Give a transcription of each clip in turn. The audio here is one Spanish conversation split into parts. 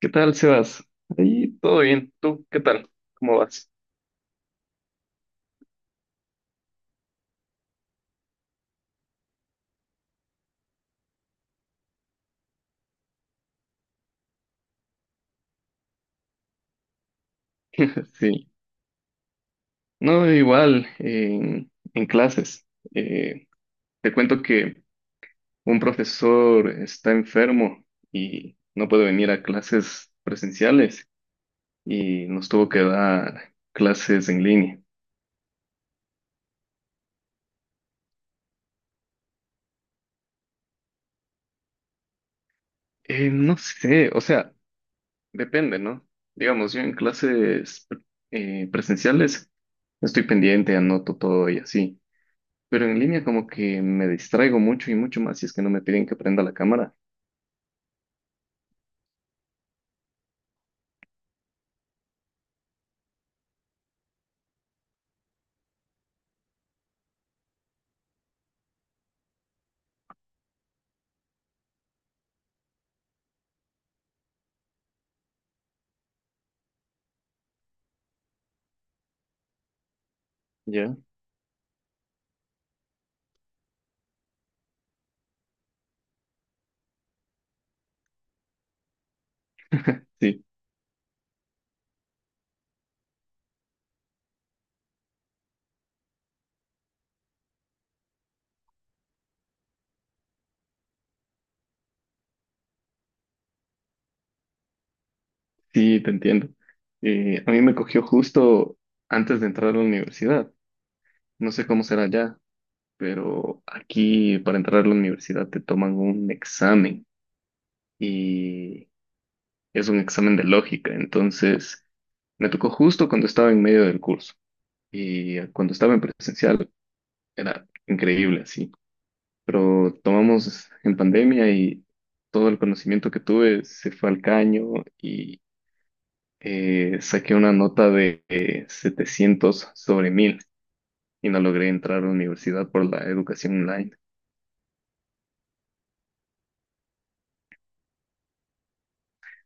¿Qué tal, Sebas? Ahí todo bien. ¿Tú qué tal? ¿Cómo vas? Sí. No, igual, en clases. Eh, te cuento que un profesor está enfermo y no puede venir a clases presenciales y nos tuvo que dar clases en línea. No sé, o sea, depende, ¿no? Digamos, yo en clases presenciales estoy pendiente, anoto todo y así. Pero en línea como que me distraigo mucho y mucho más si es que no me piden que prenda la cámara. Ya, sí, sí, te entiendo. A mí me cogió justo antes de entrar a la universidad. No sé cómo será ya, pero aquí para entrar a la universidad te toman un examen y es un examen de lógica. Entonces, me tocó justo cuando estaba en medio del curso y cuando estaba en presencial era increíble, así. Pero tomamos en pandemia y todo el conocimiento que tuve se fue al caño y saqué una nota de 700 sobre 1000 y no logré entrar a la universidad por la educación online.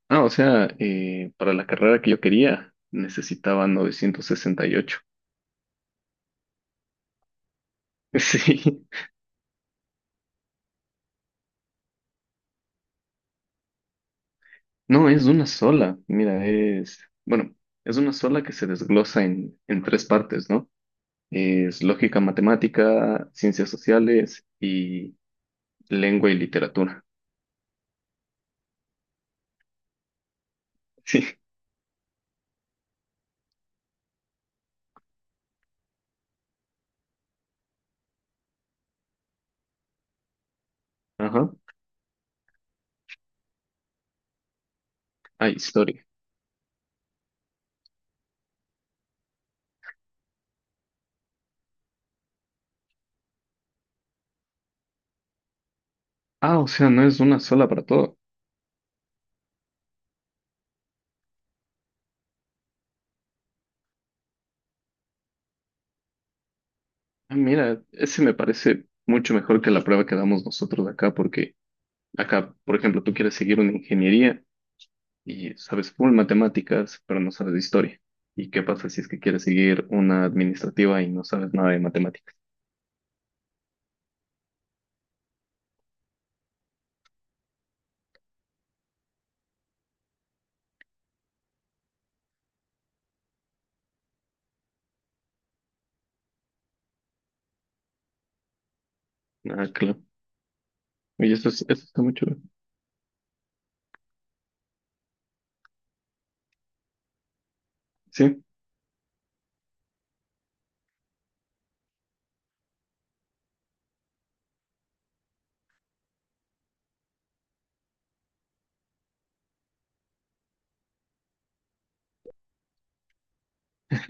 Ah, o sea, para la carrera que yo quería necesitaba 968. Sí, no, es una sola. Mira, es, bueno, es una sola que se desglosa en tres partes, ¿no? Es lógica matemática, ciencias sociales y lengua y literatura. Sí. Ajá. Ah, historia. Ah, o sea, no es una sola para todo. Ah, mira, ese me parece mucho mejor que la prueba que damos nosotros acá, porque acá, por ejemplo, tú quieres seguir una ingeniería y sabes full matemáticas, pero no sabes de historia. ¿Y qué pasa si es que quieres seguir una administrativa y no sabes nada de matemáticas? Ah, claro. Oye, eso, eso está muy chulo. Sí,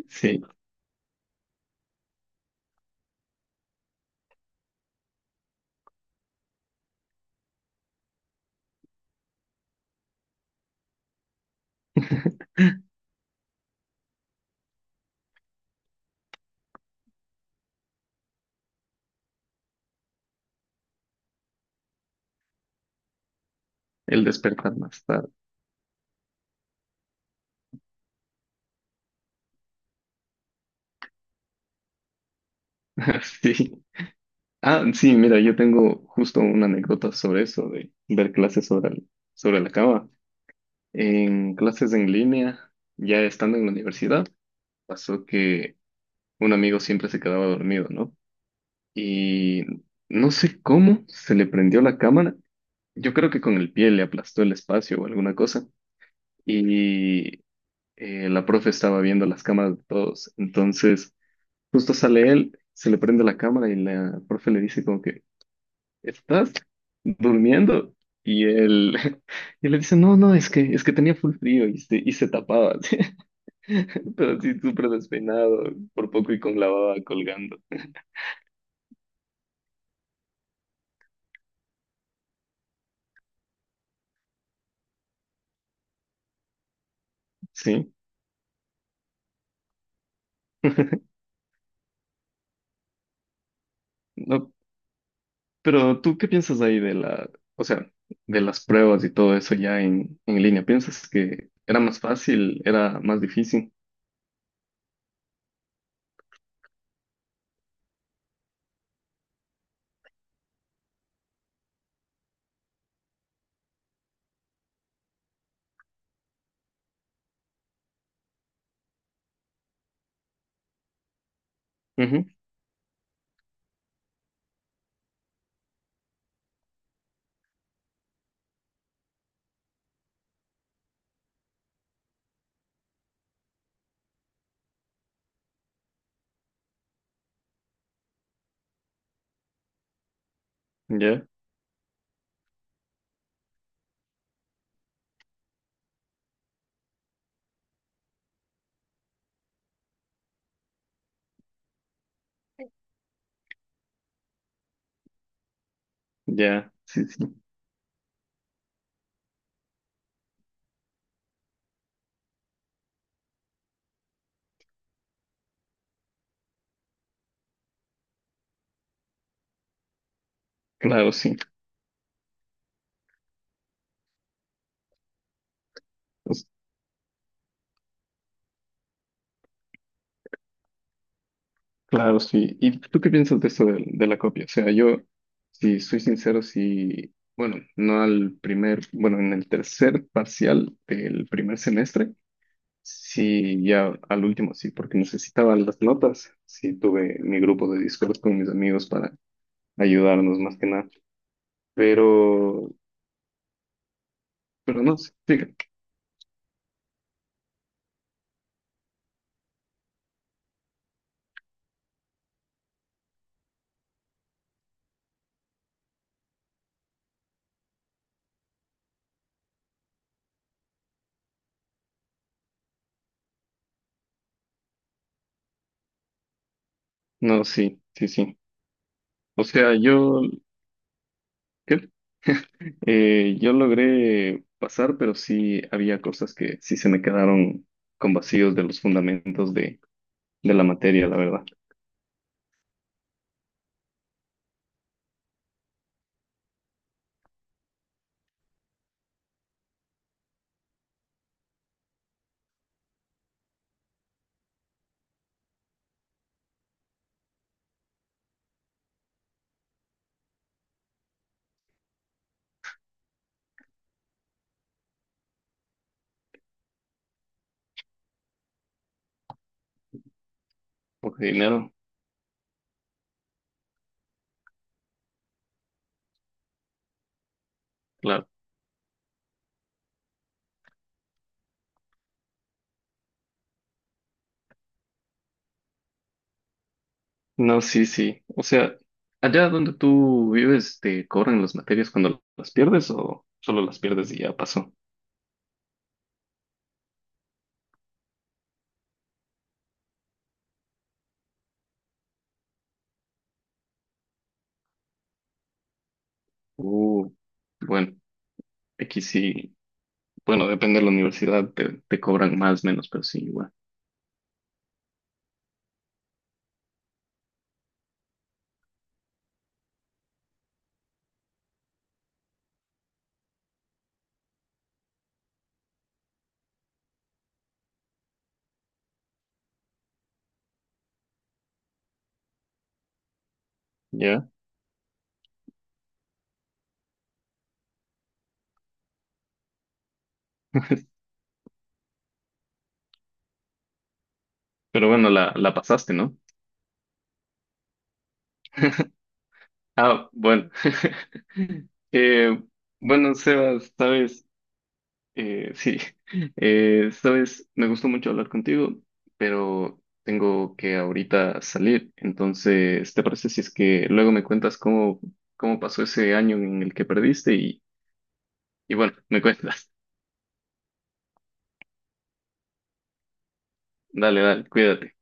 sí. El despertar más tarde. Sí. Ah, sí, mira, yo tengo justo una anécdota sobre eso, de ver clases sobre, sobre la cama. En clases en línea, ya estando en la universidad, pasó que un amigo siempre se quedaba dormido, ¿no? Y no sé cómo se le prendió la cámara. Yo creo que con el pie le aplastó el espacio o alguna cosa. Y la profe estaba viendo las cámaras de todos. Entonces, justo sale él, se le prende la cámara y la profe le dice como que... ¿estás durmiendo? Y él, y le dice, no, no, es que tenía full frío y se tapaba, así. Pero así súper despeinado, por poco y con la baba colgando, ¿sí? No, pero tú, ¿qué piensas ahí de la, o sea, de las pruebas y todo eso ya en línea? ¿Piensas que era más fácil, era más difícil? Ujú. Ya, ya, sí, sí, claro, sí. Claro, sí. ¿Y tú qué piensas de eso de la copia? O sea, yo, si soy sincero, si, bueno, no al primer, bueno, en el tercer parcial del primer semestre, sí, ya al último, sí, porque necesitaba las notas, sí, tuve mi grupo de Discord con mis amigos para ayudarnos más que nada, pero, pero no, sí, no, sí, sí, sí. O sea, yo ¿qué? Yo logré pasar, pero sí había cosas que sí se me quedaron con vacíos de los fundamentos de la materia, la verdad. Porque dinero, claro. No, sí, sí. O sea, allá donde tú vives, ¿te cobran las materias cuando las pierdes o solo las pierdes y ya pasó? Uh, bueno, aquí sí. Bueno, depende de la universidad, te cobran más, menos, pero sí, igual. Ya. Pero bueno, la pasaste, ¿no? Ah, bueno. Eh, bueno, Sebas, sabes, sí, sabes, me gustó mucho hablar contigo, pero tengo que ahorita salir. Entonces, ¿te parece si es que luego me cuentas cómo, cómo pasó ese año en el que perdiste? Y bueno, me cuentas. Dale, dale, cuídate.